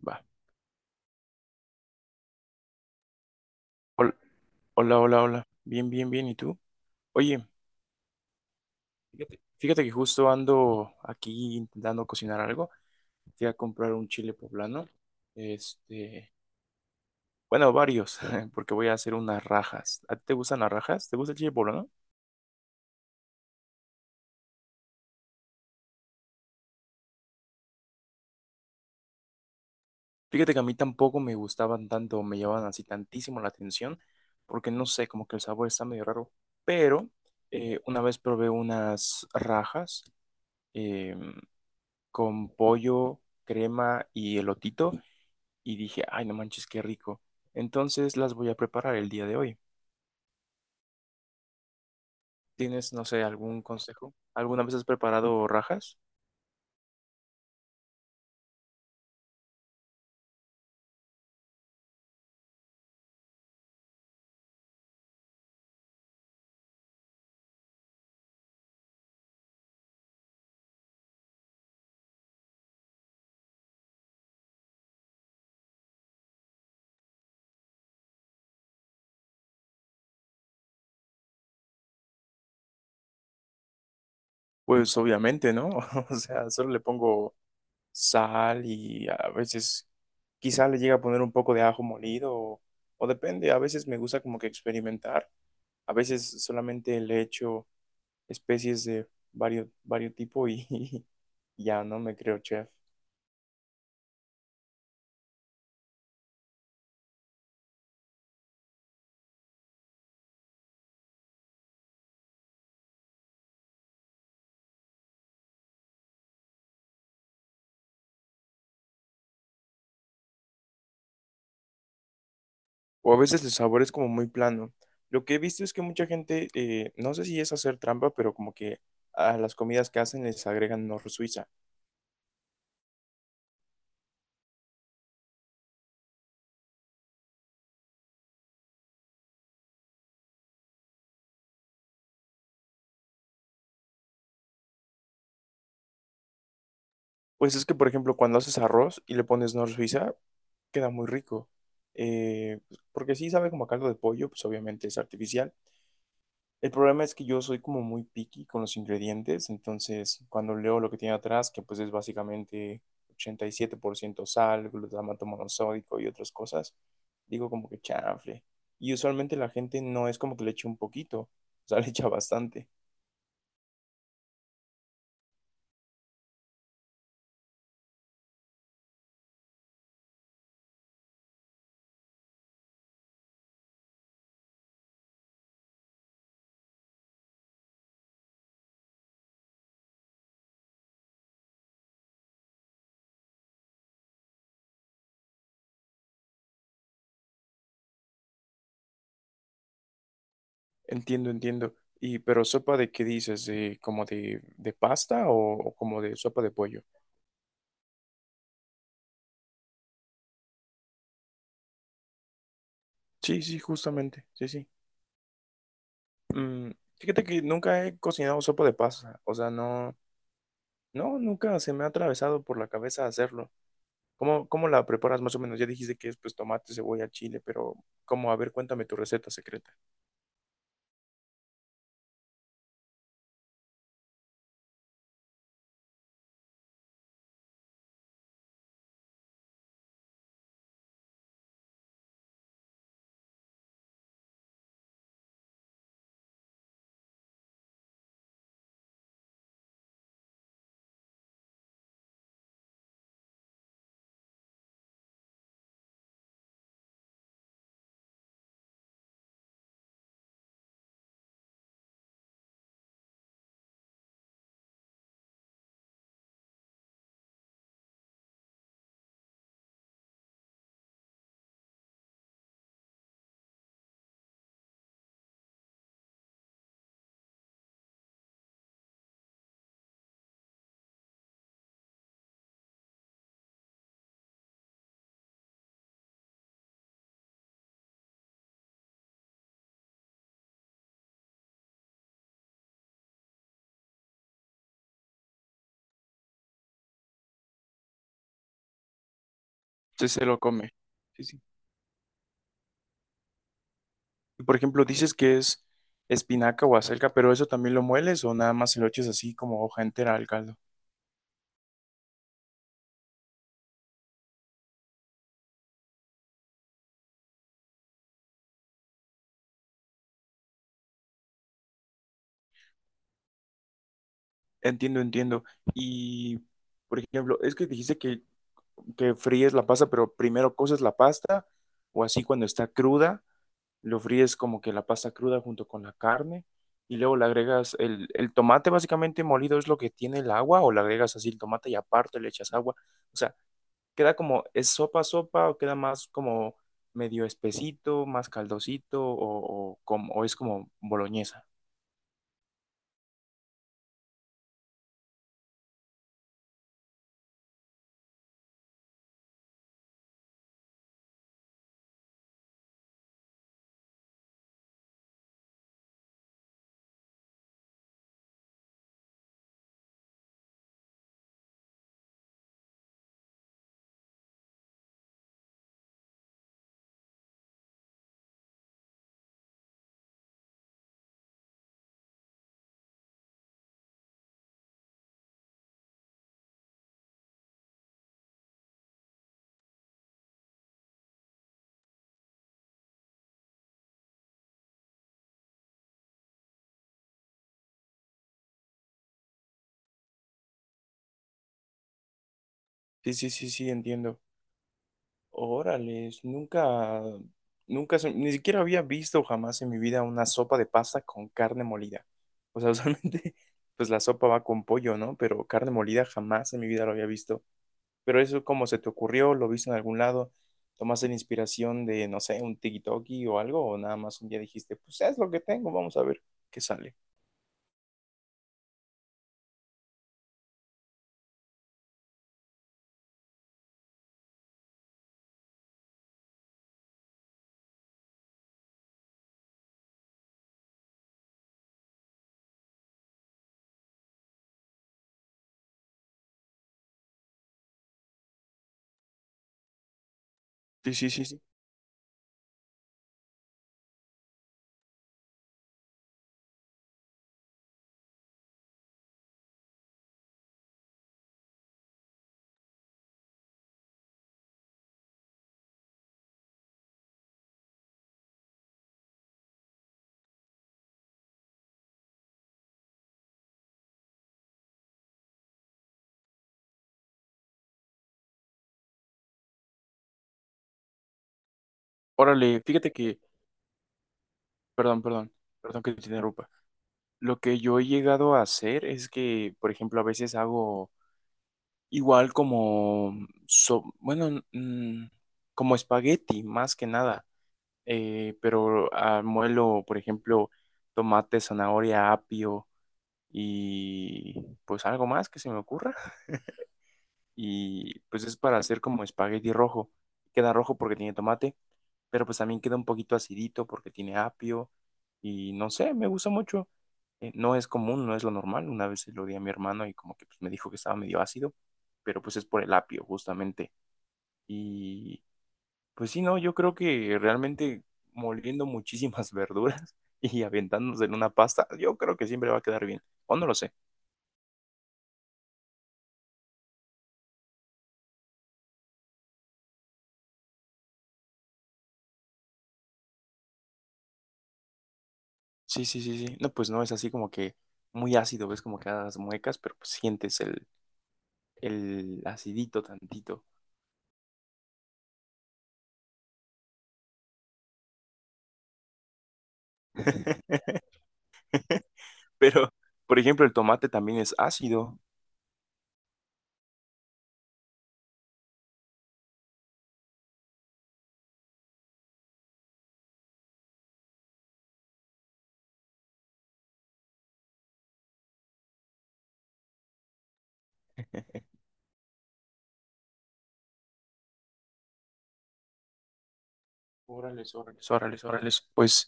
Va. Hol- Hola, hola, hola. Bien, bien, bien. ¿Y tú? Oye, fíjate que justo ando aquí intentando cocinar algo. Fui a comprar un chile poblano. Este, bueno, varios, porque voy a hacer unas rajas. ¿A ti te gustan las rajas? ¿Te gusta el chile poblano? Fíjate que a mí tampoco me gustaban tanto, me llamaban así tantísimo la atención, porque no sé, como que el sabor está medio raro. Pero una vez probé unas rajas em, con pollo, crema y elotito. Y dije, ay, no manches, qué rico. Entonces las voy a preparar el día de hoy. ¿Tienes, no sé, algún consejo? ¿Alguna vez has preparado rajas? Pues obviamente, ¿no? O sea, solo le pongo sal y a veces quizá le llega a poner un poco de ajo molido o depende, a veces me gusta como que experimentar, a veces solamente le echo especies de varios tipos y, y ya no me creo chef. O a veces el sabor es como muy plano. Lo que he visto es que mucha gente, no sé si es hacer trampa, pero como que a las comidas que hacen les agregan nor suiza. Pues es que, por ejemplo, cuando haces arroz y le pones nor suiza, queda muy rico. Eh, Porque sí sabe como a caldo de pollo, pues obviamente es artificial. El problema es que yo soy como muy picky con los ingredientes, entonces cuando leo lo que tiene atrás, que pues es básicamente 87% sal, glutamato monosódico y otras cosas, digo como que chanfle. Y usualmente la gente no es como que le eche un poquito, o sea, le echa bastante. Entiendo, entiendo. Y pero sopa de qué dices, de de pasta o como de sopa de pollo. Sí, sí, justamente, sí, sí. Mm, fíjate que nunca he cocinado sopa de pasta, o sea, no. No, nunca se me ha atravesado por la cabeza hacerlo. ¿Cómo la preparas más o menos? Ya dijiste que es pues tomate, cebolla, chile, pero ¿cómo? A ver, cuéntame tu receta secreta. Sí, se lo come. Sí, sí. Y, por ejemplo, dices que es espinaca o acelga, pero ¿eso también lo mueles o nada más se lo echas así como hoja entera al caldo? Entiendo, entiendo. Y, por ejemplo, es que dijiste que fríes la pasta, pero primero coces la pasta o así cuando está cruda. Lo fríes como que la pasta cruda junto con la carne y luego le agregas el tomate básicamente molido es lo que tiene el agua o le agregas así el tomate y aparte le echas agua. O sea, queda como, ¿es sopa sopa o queda más como medio espesito, más caldosito o como, o es como boloñesa? Sí, sí, sí, sí, entiendo. Órales, nunca, nunca, ni siquiera había visto jamás en mi vida una sopa de pasta con carne molida. O sea, usualmente, pues la sopa va con pollo, ¿no? Pero carne molida jamás en mi vida lo había visto. Pero eso, ¿cómo se te ocurrió? ¿Lo viste en algún lado? ¿Tomaste la inspiración de, no sé, un TikTok o algo? ¿O nada más un día dijiste, pues es lo que tengo, vamos a ver qué sale? Sí, sí, sí, sí. Órale, fíjate que, perdón, perdón, perdón que te interrumpa. Lo que yo he llegado a hacer es que, por ejemplo, a veces hago igual como, bueno, como espagueti, más que nada. Pero muelo, por ejemplo, tomate, zanahoria, apio y pues algo más que se me ocurra y pues es para hacer como espagueti rojo. Queda rojo porque tiene tomate, pero pues también queda un poquito acidito porque tiene apio y no sé, me gusta mucho. No es común, no es lo normal. Una vez se lo di a mi hermano y como que pues, me dijo que estaba medio ácido, pero pues es por el apio justamente. Y pues sí, no, yo creo que realmente moliendo muchísimas verduras y aventándose en una pasta, yo creo que siempre va a quedar bien. O no lo sé. Sí, sí, sí, sí. No, pues no es así como que muy ácido, ves como que las muecas, pero pues sientes el acidito tantito. Pero, por ejemplo, el tomate también es ácido. Órales, órales, órales, órales. Pues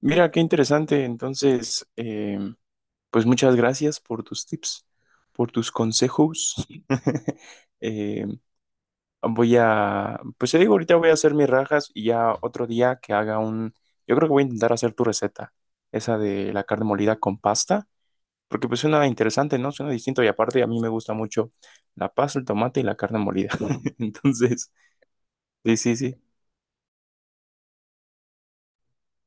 mira, qué interesante. Entonces, pues muchas gracias por tus tips, por tus consejos. Eh, Voy a, pues te digo, ahorita voy a hacer mis rajas y ya otro día que haga un, yo creo que voy a intentar hacer tu receta, esa de la carne molida con pasta, porque pues suena interesante, ¿no? Suena distinto y aparte a mí me gusta mucho la pasta, el tomate y la carne molida. Entonces, sí, sí, sí,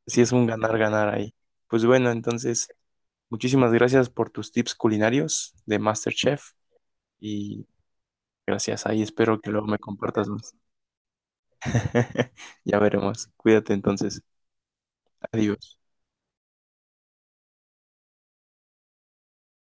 sí es un ganar, ganar ahí. Pues bueno, entonces, muchísimas gracias por tus tips culinarios de MasterChef y gracias ahí, espero que luego me compartas más. Ya veremos. Cuídate entonces. Adiós.